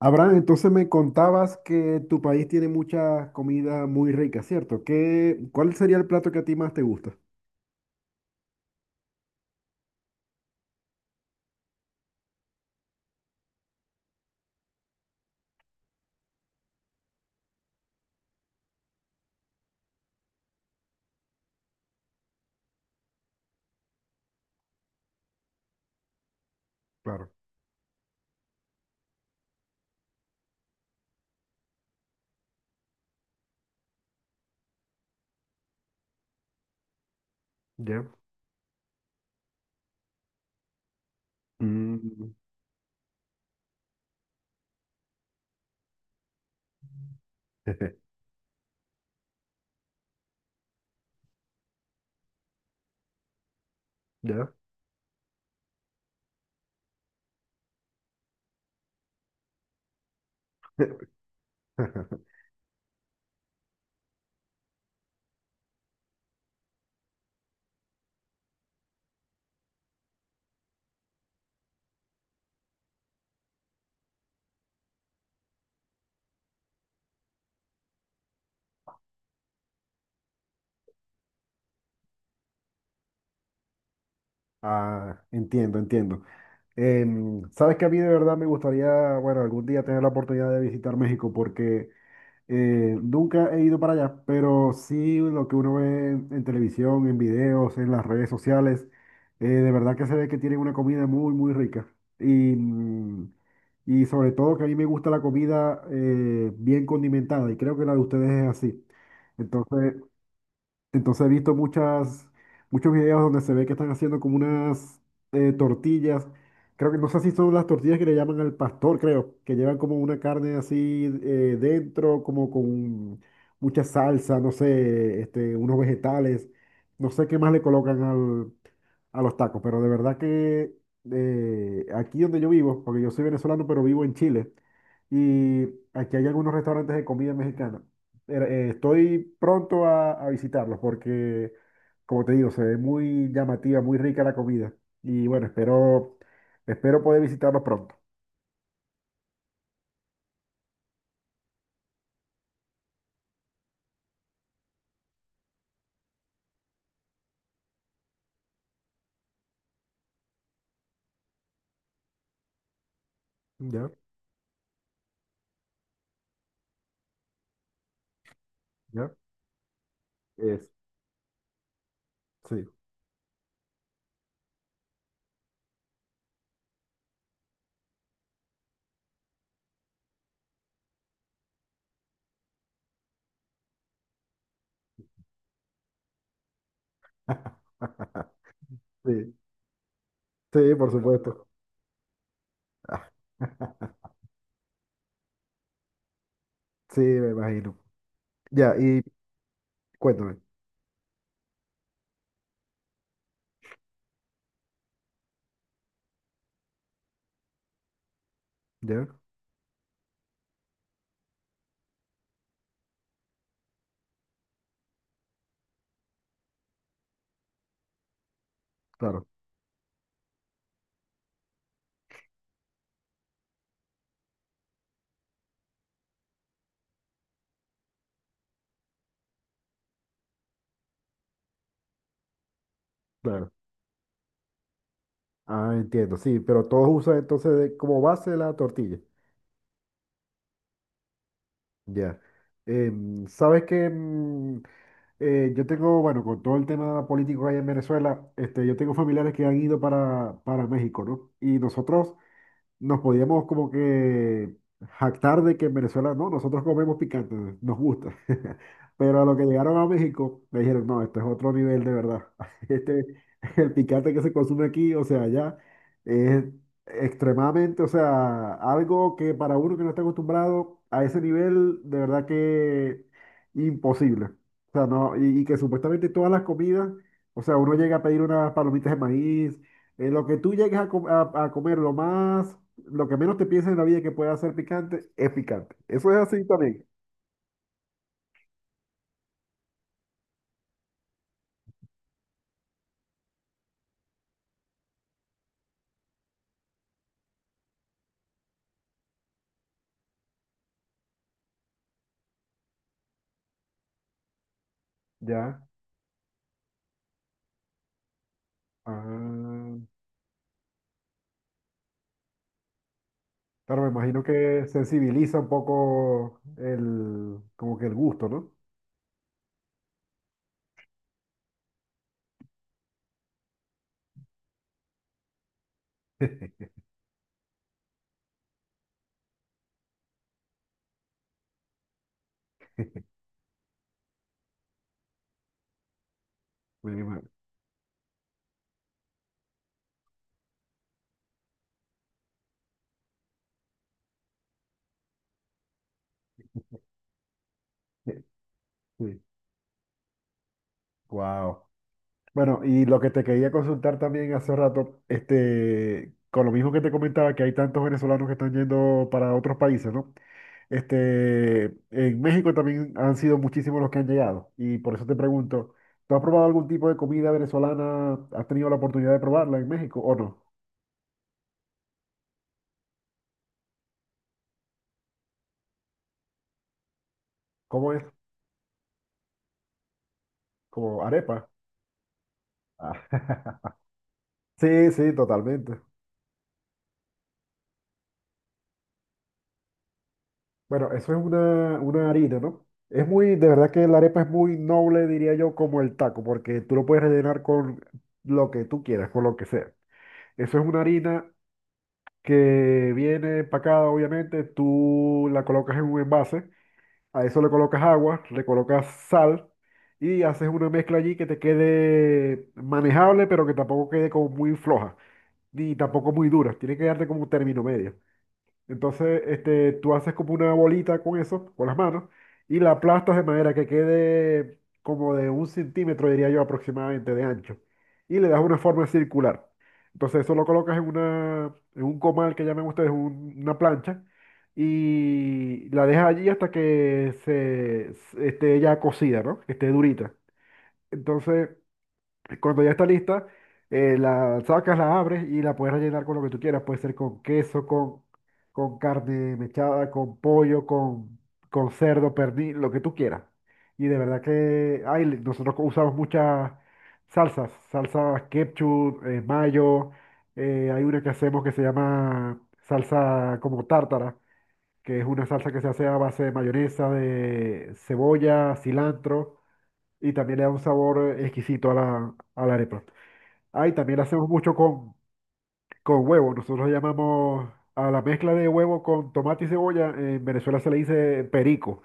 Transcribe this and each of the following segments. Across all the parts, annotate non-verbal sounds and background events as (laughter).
Abraham, entonces me contabas que tu país tiene mucha comida muy rica, ¿cierto? ¿Qué, cuál sería el plato que a ti más te gusta? Claro, ya. Mm. (laughs) Ya. (laughs) Ah, entiendo, entiendo. Sabes que a mí de verdad me gustaría, bueno, algún día tener la oportunidad de visitar México porque nunca he ido para allá, pero sí lo que uno ve en, televisión, en videos, en las redes sociales, de verdad que se ve que tienen una comida muy, muy rica. Y, mm, y sobre todo que a mí me gusta la comida bien condimentada y creo que la de ustedes es así. Entonces, entonces he visto muchas, muchos videos donde se ve que están haciendo como unas tortillas. Creo que no sé si son las tortillas que le llaman al pastor, creo, que llevan como una carne así dentro, como con mucha salsa, no sé, este, unos vegetales. No sé qué más le colocan a los tacos, pero de verdad que aquí donde yo vivo, porque yo soy venezolano, pero vivo en Chile, y aquí hay algunos restaurantes de comida mexicana estoy pronto a visitarlos porque, como te digo, se ve muy llamativa, muy rica la comida. Y bueno, espero poder visitarlos pronto. ¿Ya? ¿Ya? Es, sí. (laughs) Sí, sí, por supuesto. (laughs) Ah, sí, me imagino. Ya, y cuéntame. ¿Ya? Claro, claro. Ah, entiendo, sí, pero todos usan entonces como base la tortilla. Ya. ¿Sabes qué? Yo tengo, bueno, con todo el tema político que hay en Venezuela, este, yo tengo familiares que han ido para, México, ¿no? Y nosotros, nos podíamos como que jactar de que en Venezuela no, nosotros comemos picante, nos gusta. (laughs) Pero a lo que llegaron a México, me dijeron, no, esto es otro nivel de verdad. (laughs) Este, el picante que se consume aquí, o sea, allá, es extremadamente, o sea, algo que para uno que no está acostumbrado a ese nivel, de verdad que imposible. O sea, no, y que supuestamente todas las comidas, o sea, uno llega a pedir unas palomitas de maíz, lo que tú llegues a comer, lo más lo que menos te pienses en la vida que pueda ser picante es picante. Eso es así también. Ya. Ah, claro, me imagino que sensibiliza un poco el, como que el gusto, ¿no? (laughs) Me imagino. Sí. Wow. Bueno, y lo que te quería consultar también hace rato, este, con lo mismo que te comentaba, que hay tantos venezolanos que están yendo para otros países, ¿no? Este, en México también han sido muchísimos los que han llegado. Y por eso te pregunto, ¿tú has probado algún tipo de comida venezolana? ¿Has tenido la oportunidad de probarla en México o no? ¿Cómo es? ¿Como arepa? Ah. (laughs) Sí, sí, totalmente. Bueno, eso es una harina, ¿no? Es muy, de verdad que la arepa es muy noble, diría yo, como el taco, porque tú lo puedes rellenar con lo que tú quieras, con lo que sea. Eso es una harina que viene empacada, obviamente, tú la colocas en un envase. A eso le colocas agua, le colocas sal y haces una mezcla allí que te quede manejable, pero que tampoco quede como muy floja, ni tampoco muy dura. Tiene que darte como un término medio. Entonces, este, tú haces como una bolita con eso, con las manos, y la aplastas de manera que quede como de 1 centímetro, diría yo, aproximadamente de ancho. Y le das una forma circular. Entonces, eso lo colocas en un comal que llaman ustedes una plancha, y la dejas allí hasta que esté ya cocida, ¿no? Que esté durita. Entonces, cuando ya está lista, la sacas, la abres y la puedes rellenar con lo que tú quieras. Puede ser con queso, con carne mechada, con pollo, con cerdo, pernil, lo que tú quieras. Y de verdad que ay, nosotros usamos muchas salsas, salsas ketchup, mayo. Hay una que hacemos que se llama salsa como tártara, que es una salsa que se hace a base de mayonesa, de cebolla, cilantro y también le da un sabor exquisito a la arepa. Ah, y también lo hacemos mucho con, huevo. Nosotros llamamos a la mezcla de huevo con tomate y cebolla. En Venezuela se le dice perico.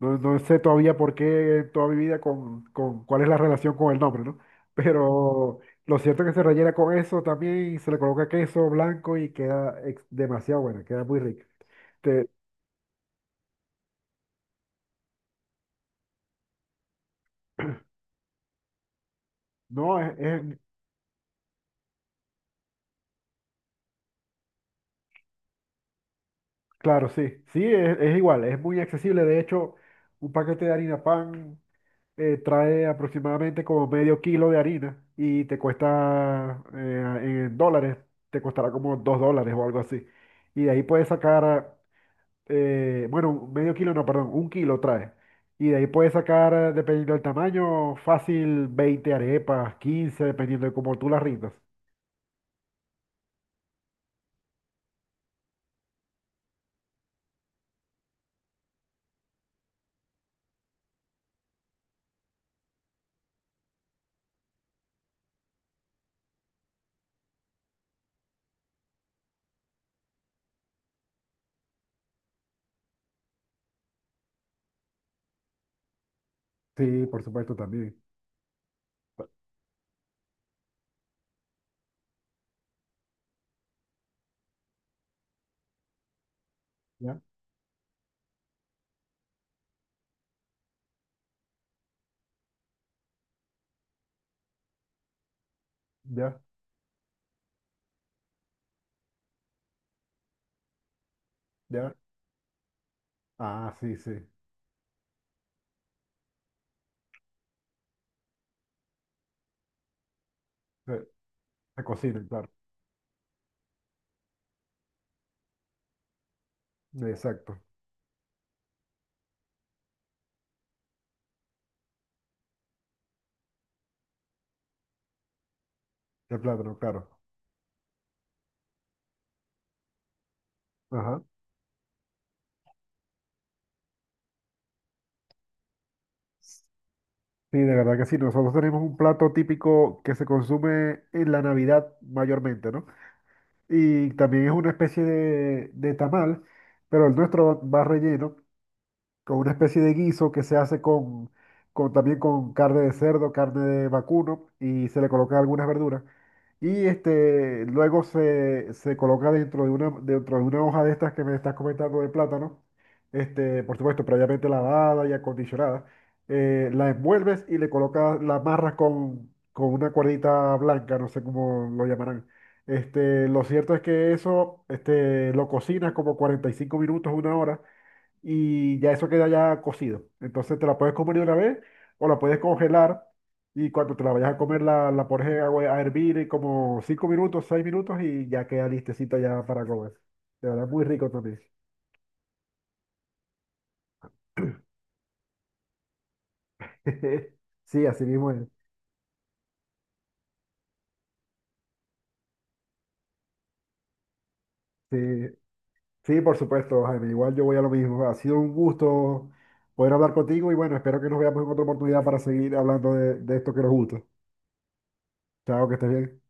No, no sé todavía por qué en toda mi vida con, cuál es la relación con el nombre, ¿no? Pero lo cierto es que se rellena con eso también y se le coloca queso blanco y queda demasiado buena, queda muy rica. Te- no, es- Claro, sí. Sí, es igual, es muy accesible. De hecho, un paquete de harina pan, trae aproximadamente como medio kilo de harina y te cuesta en dólares, te costará como 2 dólares o algo así. Y de ahí puedes sacar, bueno, medio kilo, no, perdón, 1 kilo trae. Y de ahí puedes sacar, dependiendo del tamaño, fácil 20 arepas, 15 dependiendo de cómo tú las rindas. Sí, por supuesto, también. Ya, ya, ya. Ah, sí, sí. Se, se cocina, claro. Exacto. El plátano, claro. Ajá. Sí, de verdad que sí. Nosotros tenemos un plato típico que se consume en la Navidad mayormente, ¿no? Y también es una especie de, tamal, pero el nuestro va relleno con una especie de guiso que se hace con, también con carne de cerdo, carne de vacuno y se le colocan algunas verduras. Y este, luego se coloca dentro de una hoja de estas que me estás comentando de plátano, este, por supuesto, previamente lavada y acondicionada. La envuelves y le colocas, la amarras con, una cuerdita blanca, no sé cómo lo llamarán. Este, lo cierto es que eso, lo cocinas como 45 minutos, una hora y ya eso queda ya cocido. Entonces te la puedes comer de una vez o la puedes congelar y cuando te la vayas a comer la pones en agua a hervir en como 5 minutos, 6 minutos y ya queda listecita ya para comer. De verdad, muy rico también. (laughs) Sí, así mismo es. Sí, sí, por supuesto, Jaime. Igual yo voy a lo mismo. Ha sido un gusto poder hablar contigo y bueno, espero que nos veamos en otra oportunidad para seguir hablando de, esto que nos gusta. Chao, que estés bien.